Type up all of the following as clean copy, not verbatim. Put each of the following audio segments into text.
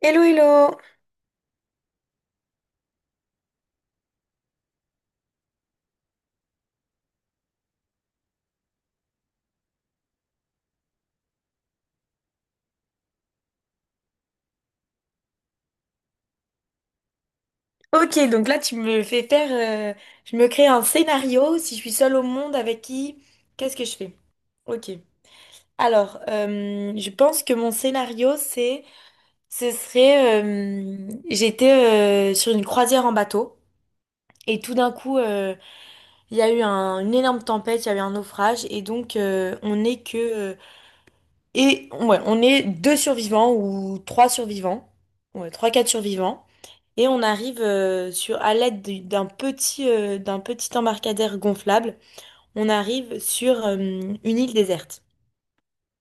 Hello, hello. Ok, donc là, tu me fais faire. Je me crée un scénario. Si je suis seule au monde, avec qui? Qu'est-ce que je fais? Ok. Alors, je pense que mon scénario, c'est. Ce serait. J'étais sur une croisière en bateau. Et tout d'un coup, il y a eu une énorme tempête, il y a eu un naufrage. Et donc, on n'est que. Et ouais, on est deux survivants ou trois survivants. Ouais, trois, quatre survivants. Et on arrive sur à d'un petit embarcadère gonflable, on arrive sur une île déserte.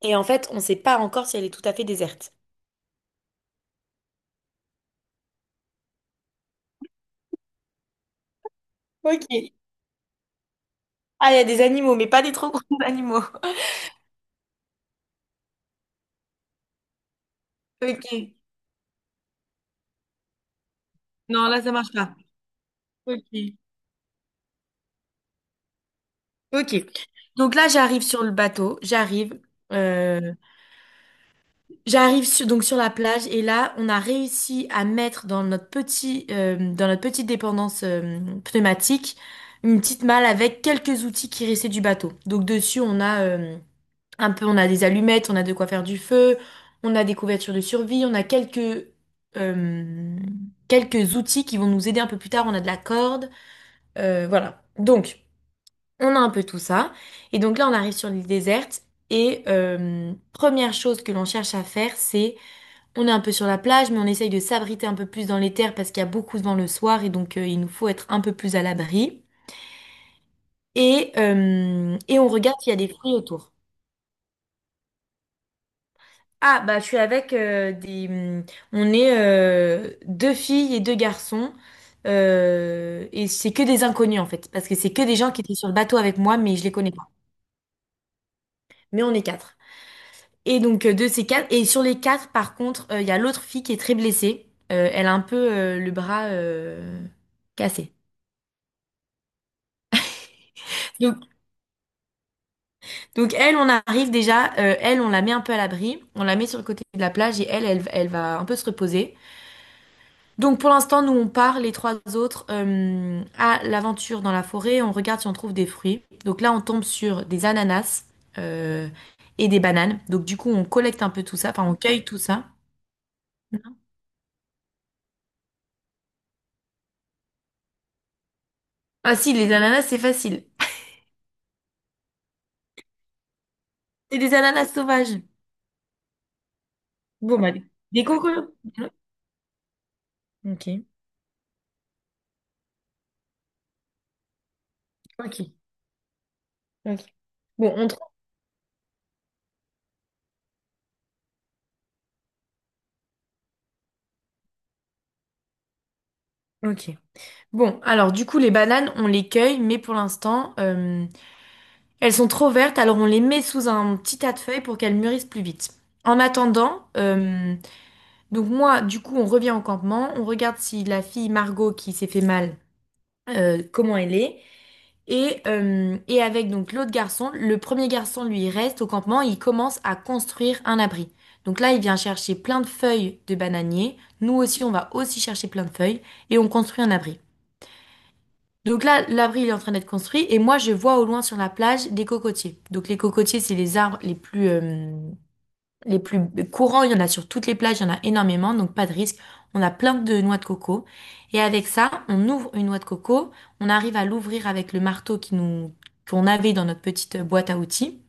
Et en fait, on ne sait pas encore si elle est tout à fait déserte. Ok. Ah, il y a des animaux, mais pas des trop gros animaux. Ok. Non, là, ça marche pas. Ok. Ok. Donc là, j'arrive sur le bateau. J'arrive. euh, donc sur la plage et là, on a réussi à mettre dans notre petit, dans notre petite dépendance pneumatique une petite malle avec quelques outils qui restaient du bateau. Donc dessus, on a un peu, on a des allumettes, on a de quoi faire du feu, on a des couvertures de survie, on a quelques euh, quelques outils qui vont nous aider un peu plus tard. On a de la corde, voilà. Donc, on a un peu tout ça. Et donc là, on arrive sur l'île déserte et première chose que l'on cherche à faire, c'est on est un peu sur la plage, mais on essaye de s'abriter un peu plus dans les terres parce qu'il y a beaucoup de vent le soir et donc il nous faut être un peu plus à l'abri. Et on regarde s'il y a des fruits autour. Ah, bah je suis avec des... on est deux filles et deux garçons. Et c'est que des inconnus en fait, parce que c'est que des gens qui étaient sur le bateau avec moi, mais je les connais pas. Mais on est quatre. Et donc de ces quatre, et sur les quatre, par contre, il y a l'autre fille qui est très blessée. Elle a un peu le bras cassé. Donc elle, on arrive déjà, elle, on la met un peu à l'abri, on la met sur le côté de la plage et elle, elle, elle va un peu se reposer. Donc pour l'instant, nous, on part, les trois autres, à l'aventure dans la forêt, on regarde si on trouve des fruits. Donc là, on tombe sur des ananas euh, et des bananes. Donc du coup, on collecte un peu tout ça, enfin, on cueille tout ça. Ah si, les ananas, c'est facile. C'est des ananas sauvages. Bon, bah, des cocos. Ok, ok, ok. Bon, on trouve. Ok. Bon, alors du coup, les bananes, on les cueille, mais pour l'instant, elles sont trop vertes, alors on les met sous un petit tas de feuilles pour qu'elles mûrissent plus vite. En attendant, donc moi, du coup, on revient au campement, on regarde si la fille Margot qui s'est fait mal, comment elle est, et avec donc l'autre garçon, le premier garçon, lui, il reste au campement, il commence à construire un abri. Donc là, il vient chercher plein de feuilles de bananier, nous aussi, on va aussi chercher plein de feuilles, et on construit un abri. Donc là, l'abri il est en train d'être construit et moi je vois au loin sur la plage des cocotiers. Donc les cocotiers, c'est les arbres les plus courants. Il y en a sur toutes les plages, il y en a énormément, donc pas de risque. On a plein de noix de coco et avec ça, on ouvre une noix de coco. On arrive à l'ouvrir avec le marteau qui nous qu'on avait dans notre petite boîte à outils.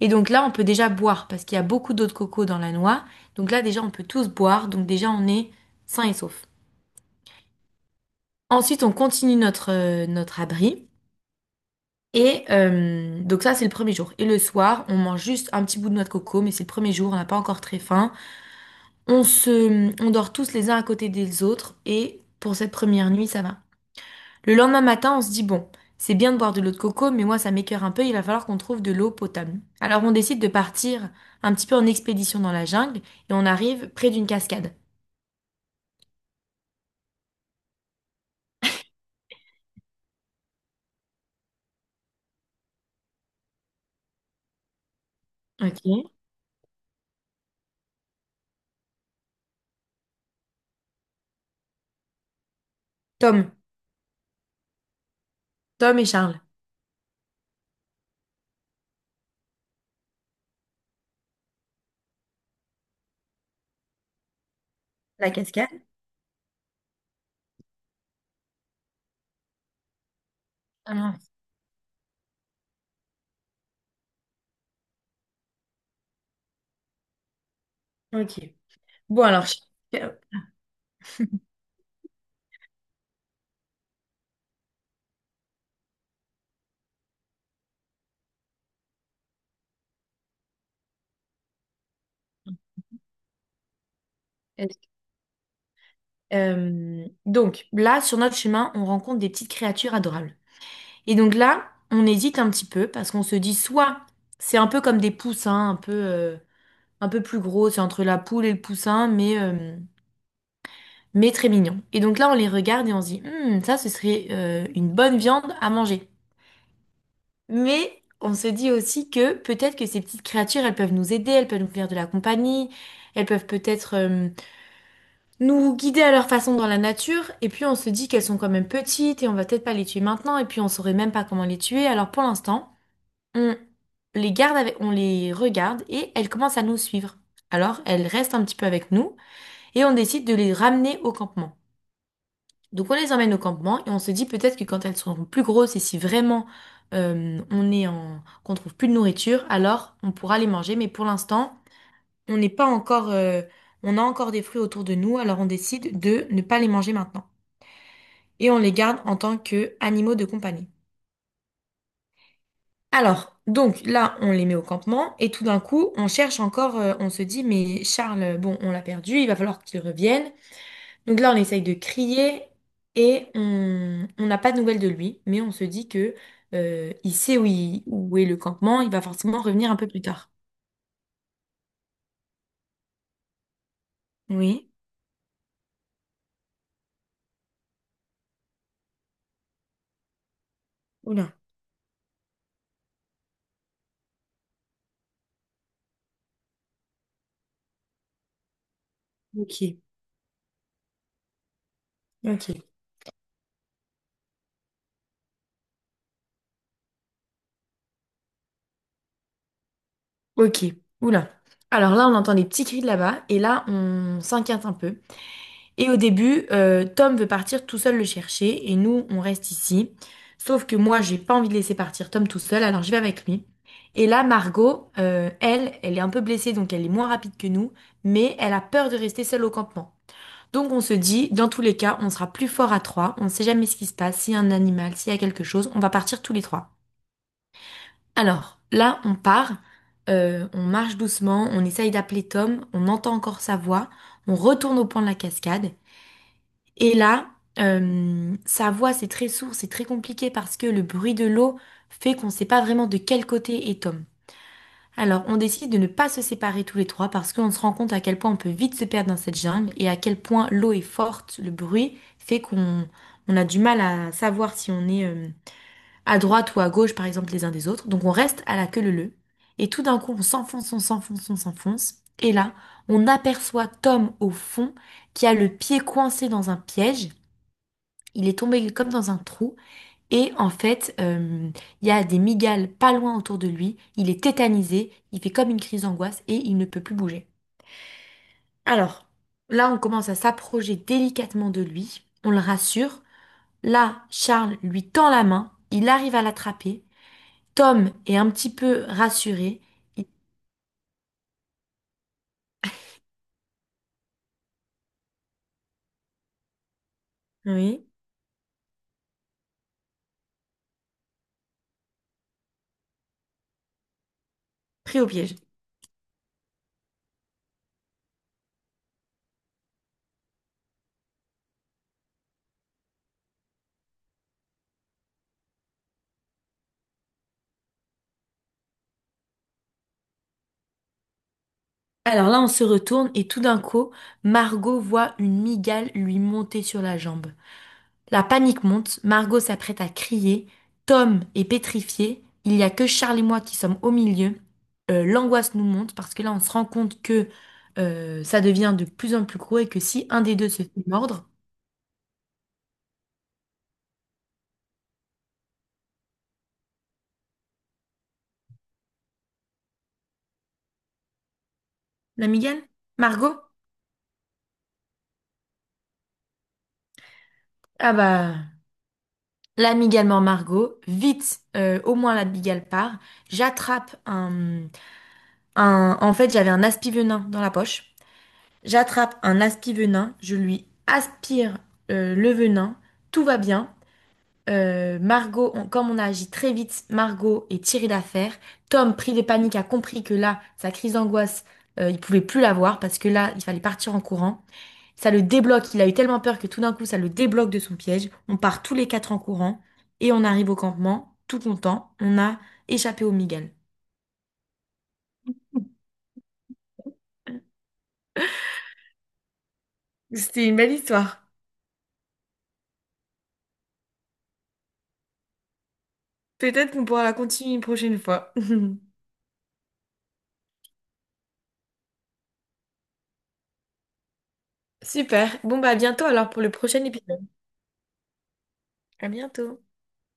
Et donc là, on peut déjà boire parce qu'il y a beaucoup d'eau de coco dans la noix. Donc là, déjà, on peut tous boire. Donc déjà, on est sain et sauf. Ensuite, on continue notre notre abri. Et donc ça, c'est le premier jour. Et le soir, on mange juste un petit bout de noix de coco, mais c'est le premier jour, on n'a pas encore très faim. On dort tous les uns à côté des autres, et pour cette première nuit, ça va. Le lendemain matin, on se dit, bon, c'est bien de boire de l'eau de coco, mais moi, ça m'écœure un peu, il va falloir qu'on trouve de l'eau potable. Alors on décide de partir un petit peu en expédition dans la jungle, et on arrive près d'une cascade. Ok. Tom, Charles. La cascade? Ah non. Ok. Bon alors, Charles, donc là, sur notre chemin, on rencontre des petites créatures adorables. Et donc là, on hésite un petit peu parce qu'on se dit soit c'est un peu comme des poussins, un peu plus gros, c'est entre la poule et le poussin, mais très mignon. Et donc là, on les regarde et on se dit, hmm, ça, ce serait une bonne viande à manger. Mais on se dit aussi que peut-être que ces petites créatures, elles peuvent nous aider, elles peuvent nous faire de la compagnie, elles peuvent peut-être... nous guider à leur façon dans la nature, et puis on se dit qu'elles sont quand même petites et on va peut-être pas les tuer maintenant, et puis on saurait même pas comment les tuer. Alors pour l'instant, on les garde avec, on les regarde et elles commencent à nous suivre. Alors elles restent un petit peu avec nous et on décide de les ramener au campement. Donc on les emmène au campement et on se dit peut-être que quand elles seront plus grosses et si vraiment qu'on trouve plus de nourriture, alors on pourra les manger. Mais pour l'instant, on n'est pas encore, on a encore des fruits autour de nous, alors on décide de ne pas les manger maintenant. Et on les garde en tant que animaux de compagnie. Alors, donc là, on les met au campement et tout d'un coup, on cherche encore, on se dit, mais Charles, bon, on l'a perdu, il va falloir qu'il revienne. Donc là, on essaye de crier et on n'a pas de nouvelles de lui, mais on se dit que il sait où, où est le campement, il va forcément revenir un peu plus tard. Oui. Oula. Ok. Ok. Ok. Oula. Alors là, on entend des petits cris de là-bas et là, on s'inquiète un peu. Et au début, Tom veut partir tout seul le chercher et nous, on reste ici. Sauf que moi, j'ai pas envie de laisser partir Tom tout seul, alors je vais avec lui. Et là, Margot, elle, elle est un peu blessée, donc elle est moins rapide que nous, mais elle a peur de rester seule au campement. Donc on se dit, dans tous les cas, on sera plus fort à trois, on ne sait jamais ce qui se passe, s'il y a un animal, s'il y a quelque chose, on va partir tous les trois. Alors, là, on part, on marche doucement, on essaye d'appeler Tom, on entend encore sa voix, on retourne au point de la cascade, et là, sa voix, c'est très sourd, c'est très compliqué parce que le bruit de l'eau fait qu'on ne sait pas vraiment de quel côté est Tom. Alors, on décide de ne pas se séparer tous les trois parce qu'on se rend compte à quel point on peut vite se perdre dans cette jungle et à quel point l'eau est forte, le bruit fait qu'on on a du mal à savoir si on est à droite ou à gauche, par exemple, les uns des autres. Donc, on reste à la queue leu leu. Et tout d'un coup, on s'enfonce, on s'enfonce, on s'enfonce. Et là, on aperçoit Tom au fond qui a le pied coincé dans un piège. Il est tombé comme dans un trou et en fait, il y a des migales pas loin autour de lui. Il est tétanisé, il fait comme une crise d'angoisse et il ne peut plus bouger. Alors, là, on commence à s'approcher délicatement de lui. On le rassure. Là, Charles lui tend la main. Il arrive à l'attraper. Tom est un petit peu rassuré. Il- Oui, pris au piège. Alors là, on se retourne et tout d'un coup, Margot voit une migale lui monter sur la jambe. La panique monte, Margot s'apprête à crier, Tom est pétrifié, il n'y a que Charles et moi qui sommes au milieu. L'angoisse nous monte parce que là on se rend compte que ça devient de plus en plus gros et que si un des deux se fait mordre, l'amigale? Margot? Ah bah l'amigale mord Margot, vite au moins l'amigale part, j'attrape un, un... En fait j'avais un aspi-venin dans la poche, j'attrape un aspi-venin, je lui aspire le venin, tout va bien. Margot, comme on a agi très vite, Margot est tirée d'affaire. Tom, pris de panique, a compris que là, sa crise d'angoisse, il pouvait plus l'avoir parce que là, il fallait partir en courant. Ça le débloque. Il a eu tellement peur que tout d'un coup, ça le débloque de son piège. On part tous les quatre en courant et on arrive au campement, tout content. On a échappé au Miguel. C'était une belle histoire. Peut-être qu'on pourra la continuer une prochaine fois. Super. Bon, bah, à bientôt alors pour le prochain épisode. À bientôt.